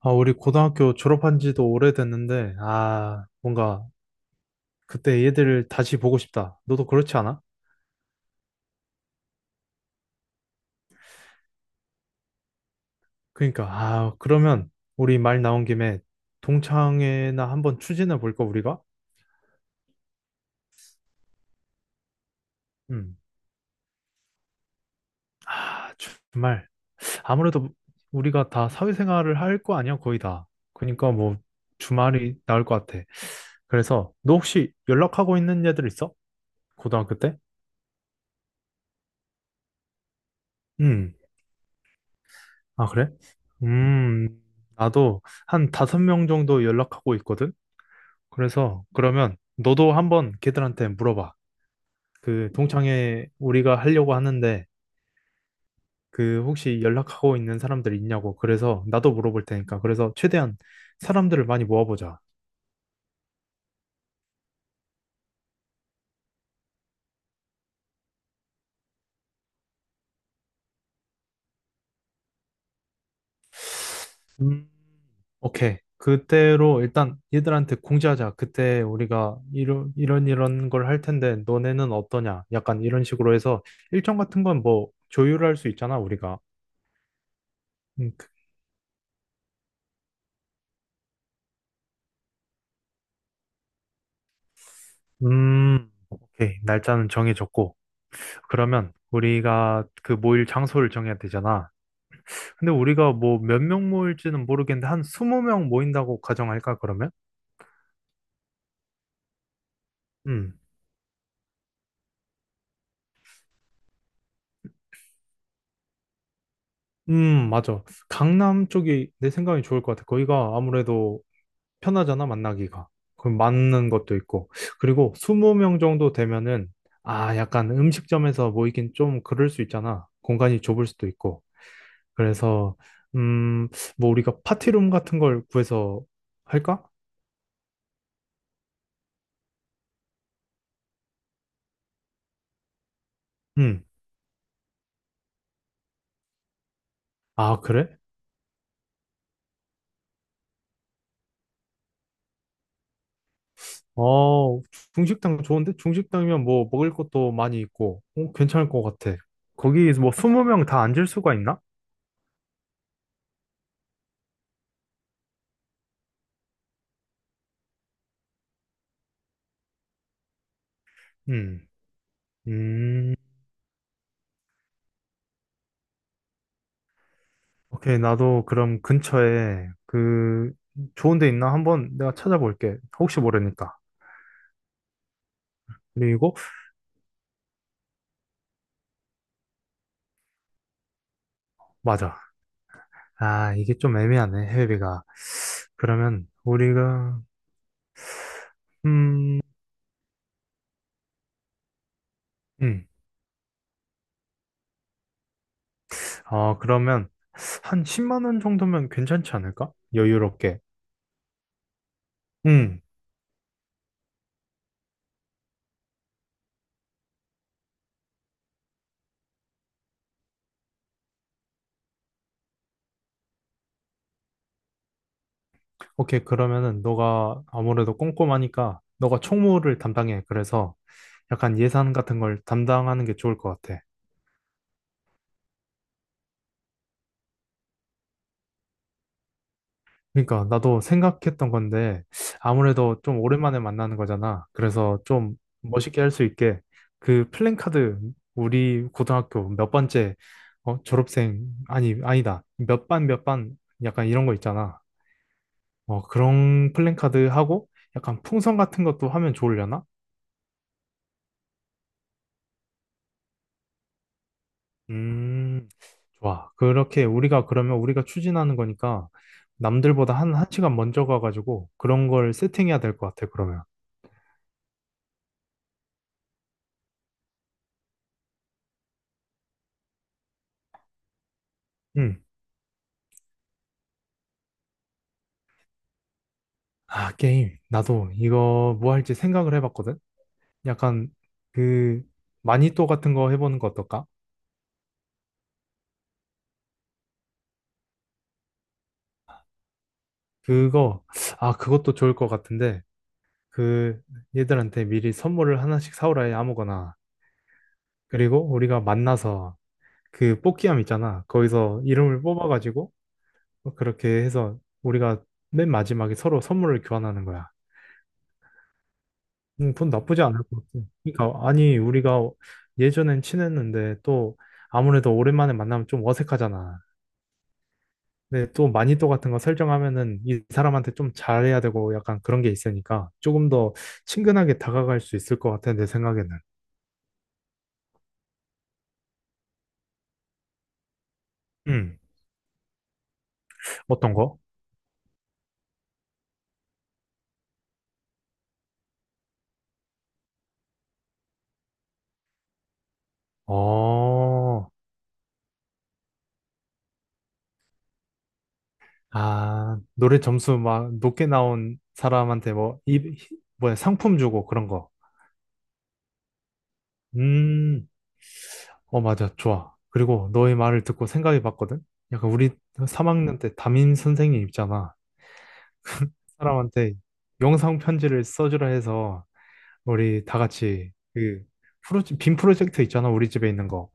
아, 우리 고등학교 졸업한 지도 오래됐는데, 아, 뭔가 그때 얘들을 다시 보고 싶다. 너도 그렇지 않아? 그러니까, 아, 그러면 우리 말 나온 김에 동창회나 한번 추진해 볼까, 우리가? 음. 아, 정말. 아무래도 우리가 다 사회생활을 할 거 아니야, 거의 다. 그러니까 뭐 주말이 나올 것 같아. 그래서 너 혹시 연락하고 있는 애들 있어? 고등학교 때? 음. 아, 그래? 음, 나도 한 다섯 명 정도 연락하고 있거든? 그래서 그러면 너도 한번 걔들한테 물어봐. 그 동창회 우리가 하려고 하는데 그 혹시 연락하고 있는 사람들 있냐고. 그래서 나도 물어볼 테니까. 그래서 최대한 사람들을 많이 모아보자. 음, 오케이. 그때로 일단 얘들한테 공지하자. 그때 우리가 이런 이런 이런 걸 할 텐데 너네는 어떠냐? 약간 이런 식으로 해서 일정 같은 건 뭐 조율할 수 있잖아, 우리가. 음, 오케이. 날짜는 정해졌고. 그러면 우리가 그 모일 장소를 정해야 되잖아. 근데 우리가 뭐 몇 명 모일지는 모르겠는데 한 20명 모인다고 가정할까, 그러면? 음. 맞아. 강남 쪽이 내 생각이 좋을 것 같아. 거기가 아무래도 편하잖아, 만나기가. 그럼 맞는 것도 있고. 그리고 20명 정도 되면은 아, 약간 음식점에서 모이긴 좀 그럴 수 있잖아. 공간이 좁을 수도 있고. 그래서 음, 뭐 우리가 파티룸 같은 걸 구해서 할까? 음. 아, 그래? 어, 중식당 좋은데? 중식당이면 뭐 먹을 것도 많이 있고, 어, 괜찮을 것 같아. 거기 뭐 20명 다 앉을 수가 있나? 음. 음. 오케이, 나도 그럼 근처에 그 좋은 데 있나 한번 내가 찾아볼게. 혹시 모르니까. 그리고 맞아. 아, 이게 좀 애매하네, 해외비가. 그러면 우리가 음, 음. 그러면 한 10만 원 정도면 괜찮지 않을까? 여유롭게. 응. 오케이. 그러면은 너가 아무래도 꼼꼼하니까 너가 총무를 담당해. 그래서 약간 예산 같은 걸 담당하는 게 좋을 것 같아. 그러니까 나도 생각했던 건데 아무래도 좀 오랜만에 만나는 거잖아. 그래서 좀 멋있게 할 수 있게 그 플랜카드 우리 고등학교 몇 번째 졸업생 아니, 아니다. 몇 반 몇 반 약간 이런 거 있잖아. 그런 플랜카드 하고 약간 풍선 같은 것도 하면 좋으려나? 음, 좋아. 그렇게 우리가 그러면 우리가 추진하는 거니까 남들보다 한, 한 시간 먼저 가가지고 그런 걸 세팅해야 될 것 같아, 그러면. 음. 아, 게임. 나도 이거 뭐 할지 생각을 해봤거든? 약간 그 마니또 같은 거 해보는 거 어떨까? 그거, 아, 그것도 좋을 것 같은데 그 얘들한테 미리 선물을 하나씩 사오라 해, 아무거나. 그리고 우리가 만나서 그 뽑기함 있잖아. 거기서 이름을 뽑아가지고 그렇게 해서 우리가 맨 마지막에 서로 선물을 교환하는 거야. 돈 나쁘지 않을 것 같아. 그러니까 아니, 우리가 예전엔 친했는데 또 아무래도 오랜만에 만나면 좀 어색하잖아. 근데 또 마니또 같은 거 설정하면은 이 사람한테 좀 잘해야 되고 약간 그런 게 있으니까 조금 더 친근하게 다가갈 수 있을 것 같아, 내 생각에는. 음, 어떤 거? 어. 아, 노래 점수 막 높게 나온 사람한테 뭐, 뭐야, 상품 주고 그런 거. 음, 맞아. 좋아. 그리고 너의 말을 듣고 생각해 봤거든? 약간 우리 3학년 때 담임 선생님 있잖아. 사람한테 영상 편지를 써주라 해서 우리 다 같이 그 빔 프로젝트 있잖아. 우리 집에 있는 거.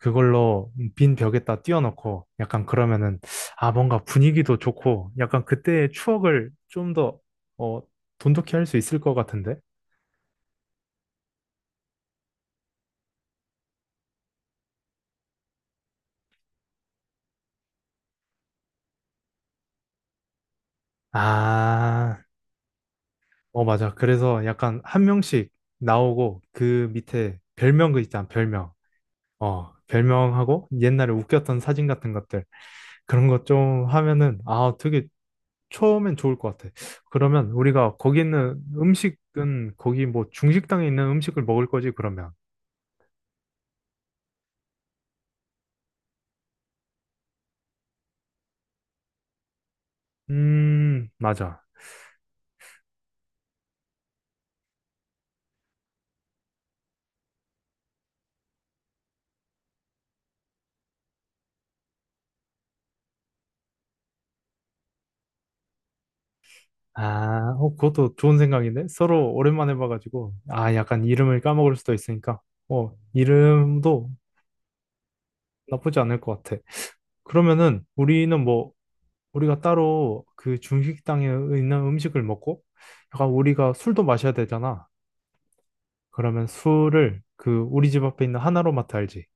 그걸로 빈 벽에다 띄워놓고 약간 그러면은 아, 뭔가 분위기도 좋고 약간 그때의 추억을 좀 더 어, 돈독히 할 수 있을 것 같은데. 아, 맞아. 그래서 약간 한 명씩 나오고 그 밑에 별명, 그 있잖아, 별명. 별명하고 옛날에 웃겼던 사진 같은 것들, 그런 것 좀 하면은 아, 되게 처음엔 좋을 것 같아. 그러면 우리가 거기 있는 음식은 거기 뭐 중식당에 있는 음식을 먹을 거지, 그러면. 맞아. 아, 그것도 좋은 생각인데? 서로 오랜만에 봐가지고, 아, 약간 이름을 까먹을 수도 있으니까, 이름도 나쁘지 않을 것 같아. 그러면은 우리는 뭐, 우리가 따로 그 중식당에 있는 음식을 먹고, 약간 우리가 술도 마셔야 되잖아. 그러면 술을 그 우리 집 앞에 있는 하나로마트 알지?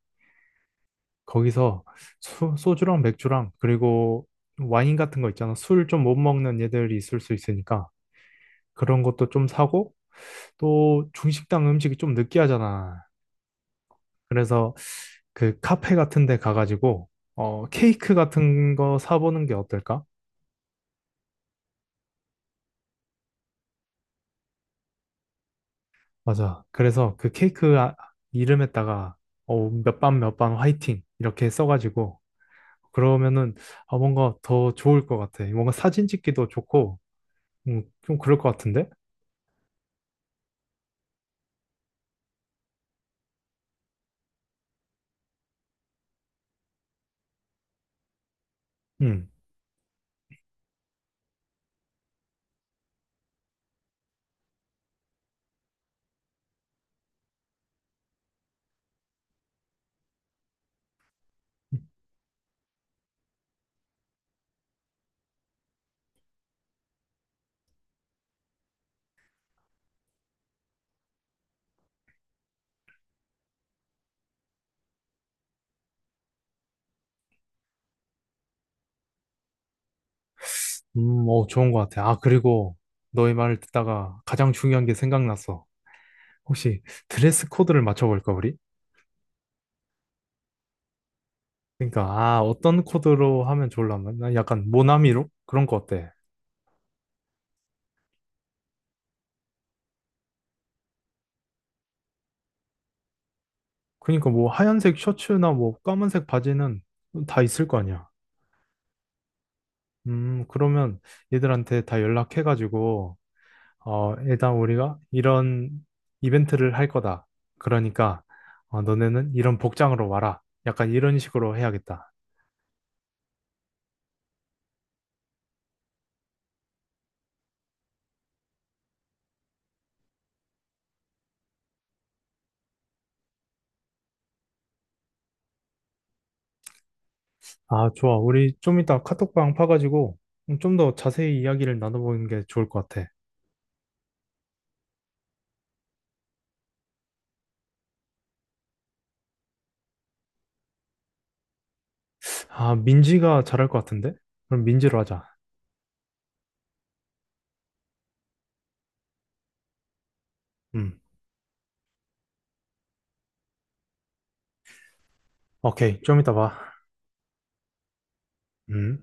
거기서 소주랑 맥주랑, 그리고 와인 같은 거 있잖아. 술 좀 못 먹는 애들이 있을 수 있으니까. 그런 것도 좀 사고, 또 중식당 음식이 좀 느끼하잖아. 그래서 그 카페 같은 데 가가지고 케이크 같은 거 사보는 게 어떨까? 맞아. 그래서 그 케이크 이름에다가 어몇 반 몇 반 화이팅 이렇게 써가지고 그러면은 아, 뭔가 더 좋을 것 같아. 뭔가 사진 찍기도 좋고 좀 그럴 것 같은데? 음, 좋은 것 같아. 아, 그리고 너의 말을 듣다가 가장 중요한 게 생각났어. 혹시 드레스 코드를 맞춰볼까 우리? 그러니까 아, 어떤 코드로 하면 좋을라나? 난 약간 모나미로 그런 거 어때? 그러니까 뭐 하얀색 셔츠나 뭐 까만색 바지는 다 있을 거 아니야. 그러면 얘들한테 다 연락해가지고 일단 우리가 이런 이벤트를 할 거다. 그러니까 너네는 이런 복장으로 와라. 약간 이런 식으로 해야겠다. 아, 좋아. 우리 좀 이따 카톡방 파가지고 좀 더 자세히 이야기를 나눠보는 게 좋을 것 같아. 아, 민지가 잘할 것 같은데? 그럼 민지로 하자. 음. 오케이, 좀 이따 봐. 음.